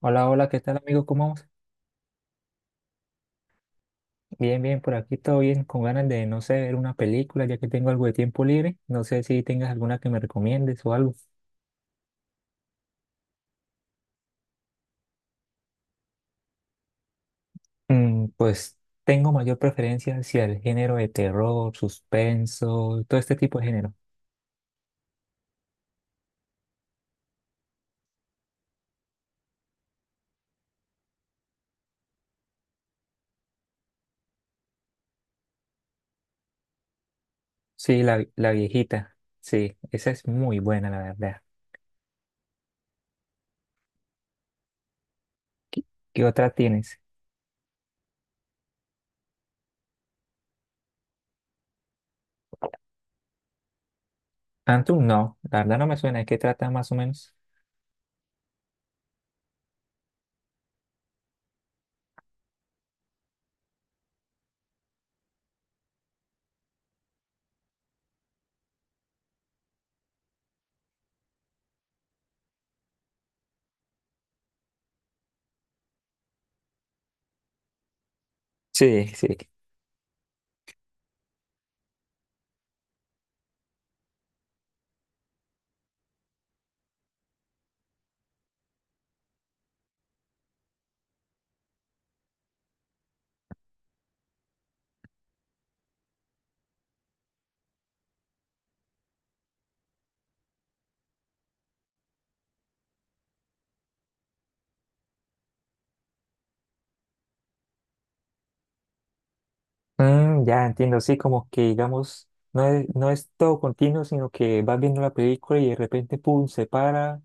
Hola, hola, ¿qué tal, amigo? ¿Cómo vamos? Bien, bien, por aquí todo bien, con ganas de, no sé, ver una película, ya que tengo algo de tiempo libre. No sé si tengas alguna que me recomiendes o algo. Pues tengo mayor preferencia hacia el género de terror, suspenso, todo este tipo de género. Sí, la viejita, sí, esa es muy buena, la verdad. ¿Qué otra tienes? Antum, no, la verdad no me suena. ¿De qué trata más o menos? Sí, sí. Mm, ya entiendo, sí, como que digamos, no es todo continuo, sino que vas viendo la película y de repente, pum, se para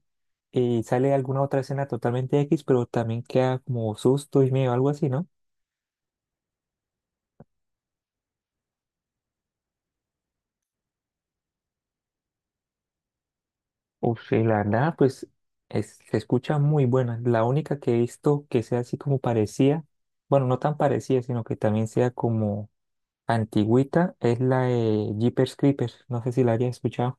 y sale alguna otra escena totalmente X, pero también queda como susto y miedo, algo así, ¿no? Uf, sí, la verdad, pues se escucha muy buena. La única que he visto que sea así como parecía, bueno, no tan parecida, sino que también sea como antigüita, es la de Jeepers Creepers. No sé si la hayas escuchado.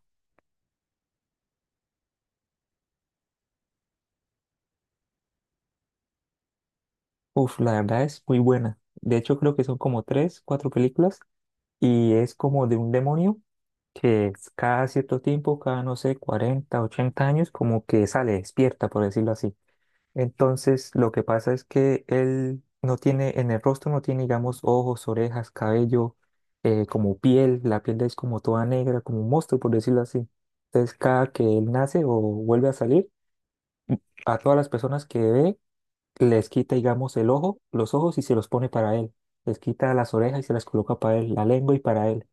Uf, la verdad es muy buena. De hecho, creo que son como tres, cuatro películas y es como de un demonio que es cada cierto tiempo, cada no sé, 40 80 años, como que sale, despierta, por decirlo así. Entonces, lo que pasa es que él no tiene, en el rostro no tiene, digamos, ojos, orejas, cabello, como piel, la piel es como toda negra, como un monstruo, por decirlo así. Entonces, cada que él nace o vuelve a salir, a todas las personas que ve, les quita, digamos, el ojo, los ojos y se los pone para él. Les quita las orejas y se las coloca para él, la lengua y para él.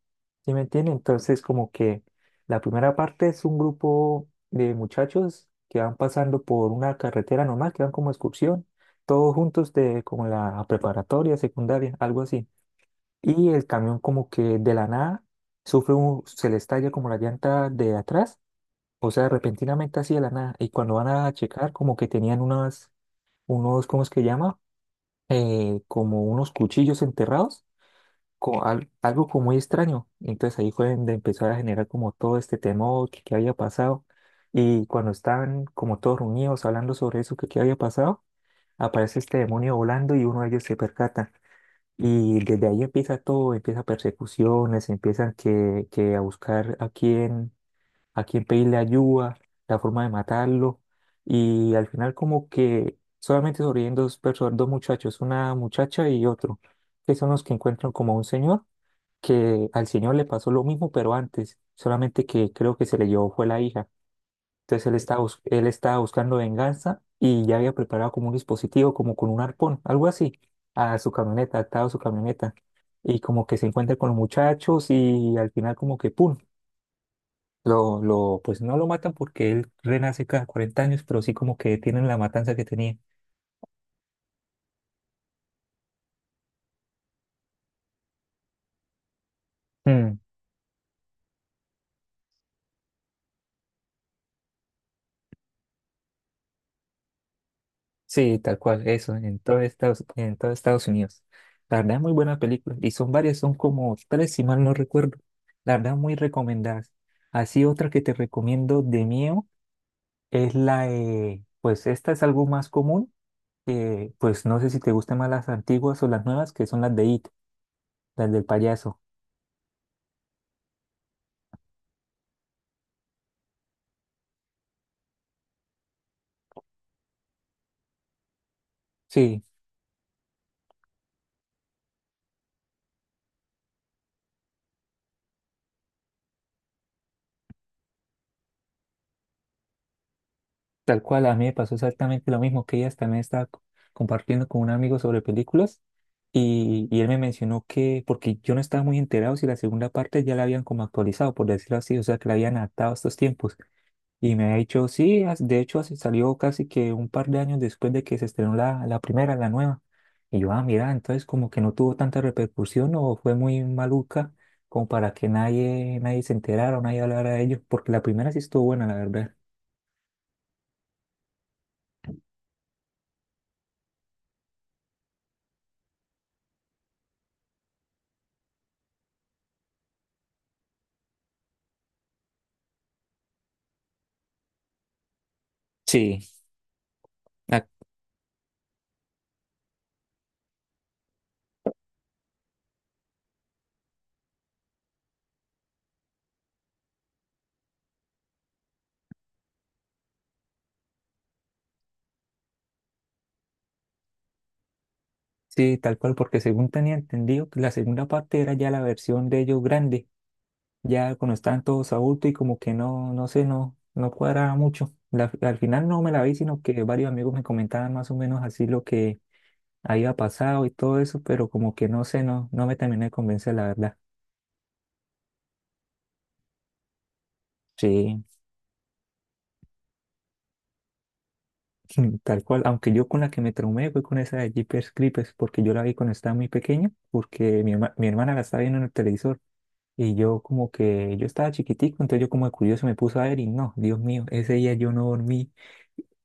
¿Sí me entiende? Entonces, como que la primera parte es un grupo de muchachos que van pasando por una carretera normal, que van como excursión, todos juntos de como la preparatoria, secundaria, algo así. Y el camión como que de la nada sufre un, se le estalla como la llanta de atrás, o sea, repentinamente así de la nada. Y cuando van a checar, como que tenían unas, unos, ¿cómo es que llama? Como unos cuchillos enterrados, algo como muy extraño. Entonces ahí fue donde empezó a generar como todo este temor que había pasado. Y cuando estaban como todos reunidos hablando sobre eso que había pasado, aparece este demonio volando y uno de ellos se percata. Y desde ahí empieza todo, empieza persecuciones, empiezan que a buscar a quién pedirle ayuda, la forma de matarlo. Y al final como que solamente sobreviven dos personas, dos muchachos, una muchacha y otro, que son los que encuentran como a un señor, que al señor le pasó lo mismo, pero antes, solamente que creo que se le llevó fue la hija. Entonces él estaba, él estaba buscando venganza y ya había preparado como un dispositivo, como con un arpón, algo así, a su camioneta, atado a su camioneta. Y como que se encuentra con los muchachos y al final como que ¡pum! Pues no lo matan porque él renace cada 40 años, pero sí como que tienen la matanza que tenía. Mm, sí, tal cual, eso, en todo Estados Unidos. La verdad, muy buena película. Y son varias, son como tres, si mal no recuerdo. La verdad, muy recomendadas. Así otra que te recomiendo de miedo es la de, pues esta es algo más común, que pues no sé si te gustan más las antiguas o las nuevas, que son las de It, las del payaso. Sí, tal cual, a mí me pasó exactamente lo mismo que ella también estaba compartiendo con un amigo sobre películas y, él me mencionó que, porque yo no estaba muy enterado si la segunda parte ya la habían como actualizado, por decirlo así, o sea, que la habían adaptado a estos tiempos. Y me ha dicho, sí, de hecho así salió casi que un par de años después de que se estrenó la primera, la nueva. Y yo, ah, mira, entonces como que no tuvo tanta repercusión o fue muy maluca como para que nadie, nadie se enterara o nadie hablara de ello, porque la primera sí estuvo buena, la verdad. Sí, sí, tal cual, porque según tenía entendido que la segunda parte era ya la versión de ellos grande, ya cuando estaban todos adultos y como que no, no sé, no cuadraba mucho. Al final no me la vi, sino que varios amigos me comentaban más o menos así lo que había pasado y todo eso, pero como que no sé, no me terminé de convencer, la verdad. Sí, tal cual, aunque yo con la que me traumé fue con esa de Jeepers Creepers, porque yo la vi cuando estaba muy pequeño, porque mi, mi hermana la estaba viendo en el televisor. Y yo como que, yo estaba chiquitico, entonces yo como de curioso me puse a ver y no, Dios mío, ese día yo no dormí,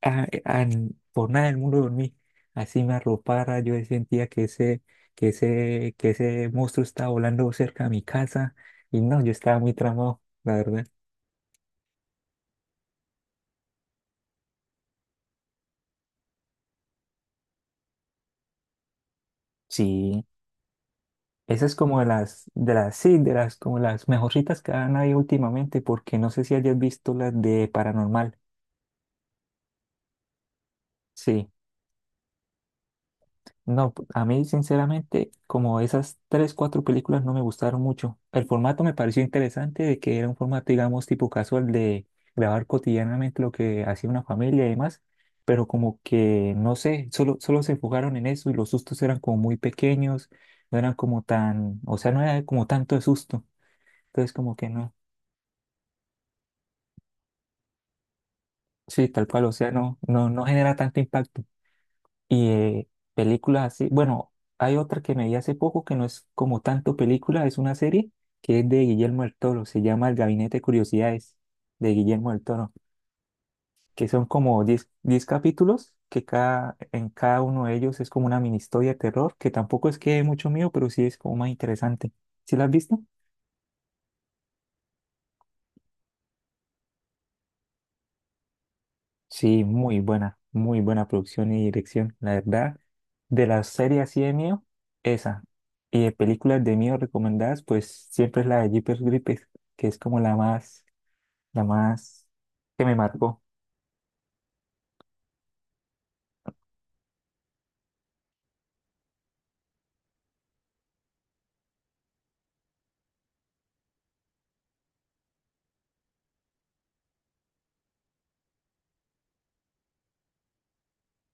por nada del mundo dormí, así me arropara, yo sentía que ese, que ese monstruo estaba volando cerca de mi casa y no, yo estaba muy tramado, la verdad. Sí, esa es como de las, sí, de las, como las mejorcitas que han habido últimamente, porque no sé si hayas visto las de Paranormal, sí. No, a mí sinceramente, como esas tres, cuatro películas no me gustaron mucho. El formato me pareció interesante de que era un formato, digamos, tipo casual de grabar cotidianamente lo que hacía una familia y demás, pero como que, no sé, solo se enfocaron en eso y los sustos eran como muy pequeños, no eran como tan, o sea, no era como tanto de susto. Entonces como que no, sí, tal cual, o sea, no genera tanto impacto. Y películas así, bueno, hay otra que me vi hace poco que no es como tanto película, es una serie que es de Guillermo del Toro, se llama El Gabinete de Curiosidades de Guillermo del Toro, que son como diez capítulos, que cada, en cada uno de ellos es como una mini historia de terror, que tampoco es que dé mucho miedo, pero sí es como más interesante. ¿Sí la has visto? Sí, muy buena producción y dirección, la verdad. De las series así de mío, esa. Y de películas de mío recomendadas, pues siempre es la de Jeepers Creepers, que es como la más que me marcó.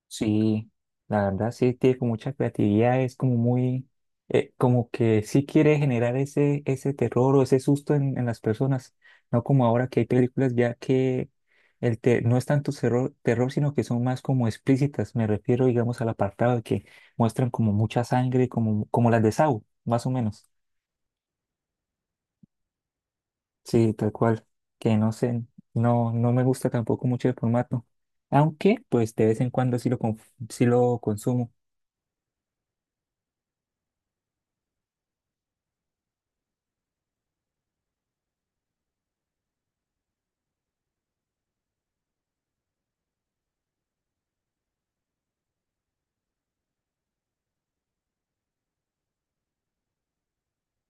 Sí, la verdad sí tiene como mucha creatividad, es como muy, como que sí quiere generar ese, ese terror o ese susto en las personas, no como ahora que hay películas ya que no es tanto terror, terror, sino que son más como explícitas, me refiero digamos al apartado de que muestran como mucha sangre, como, como las de Saw, más o menos. Sí, tal cual, que no sé, no me gusta tampoco mucho el formato, aunque pues de vez en cuando sí sí lo consumo.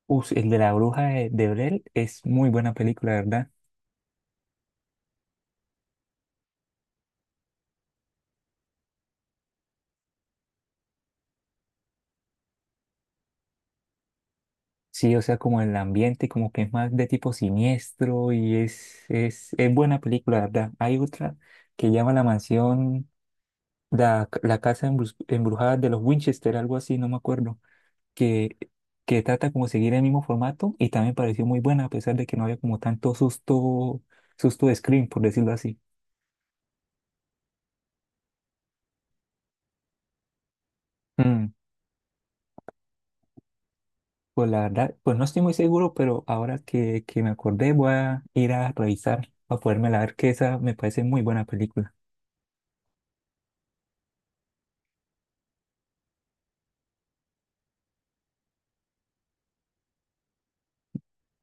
Uf, el de la bruja de Blair es muy buena película, ¿verdad? Sí, o sea, como el ambiente, como que es más de tipo siniestro y es buena película, ¿verdad? Hay otra que llama La Mansión, la Casa Embrujada de los Winchester, algo así, no me acuerdo, que, que trata como seguir el mismo formato y también pareció muy buena, a pesar de que no había como tanto susto, susto de screen, por decirlo así. Mm. Pues la verdad, pues no estoy muy seguro, pero ahora que me acordé voy a ir a revisar para podérmela ver que esa me parece muy buena película.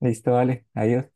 Listo, vale, adiós.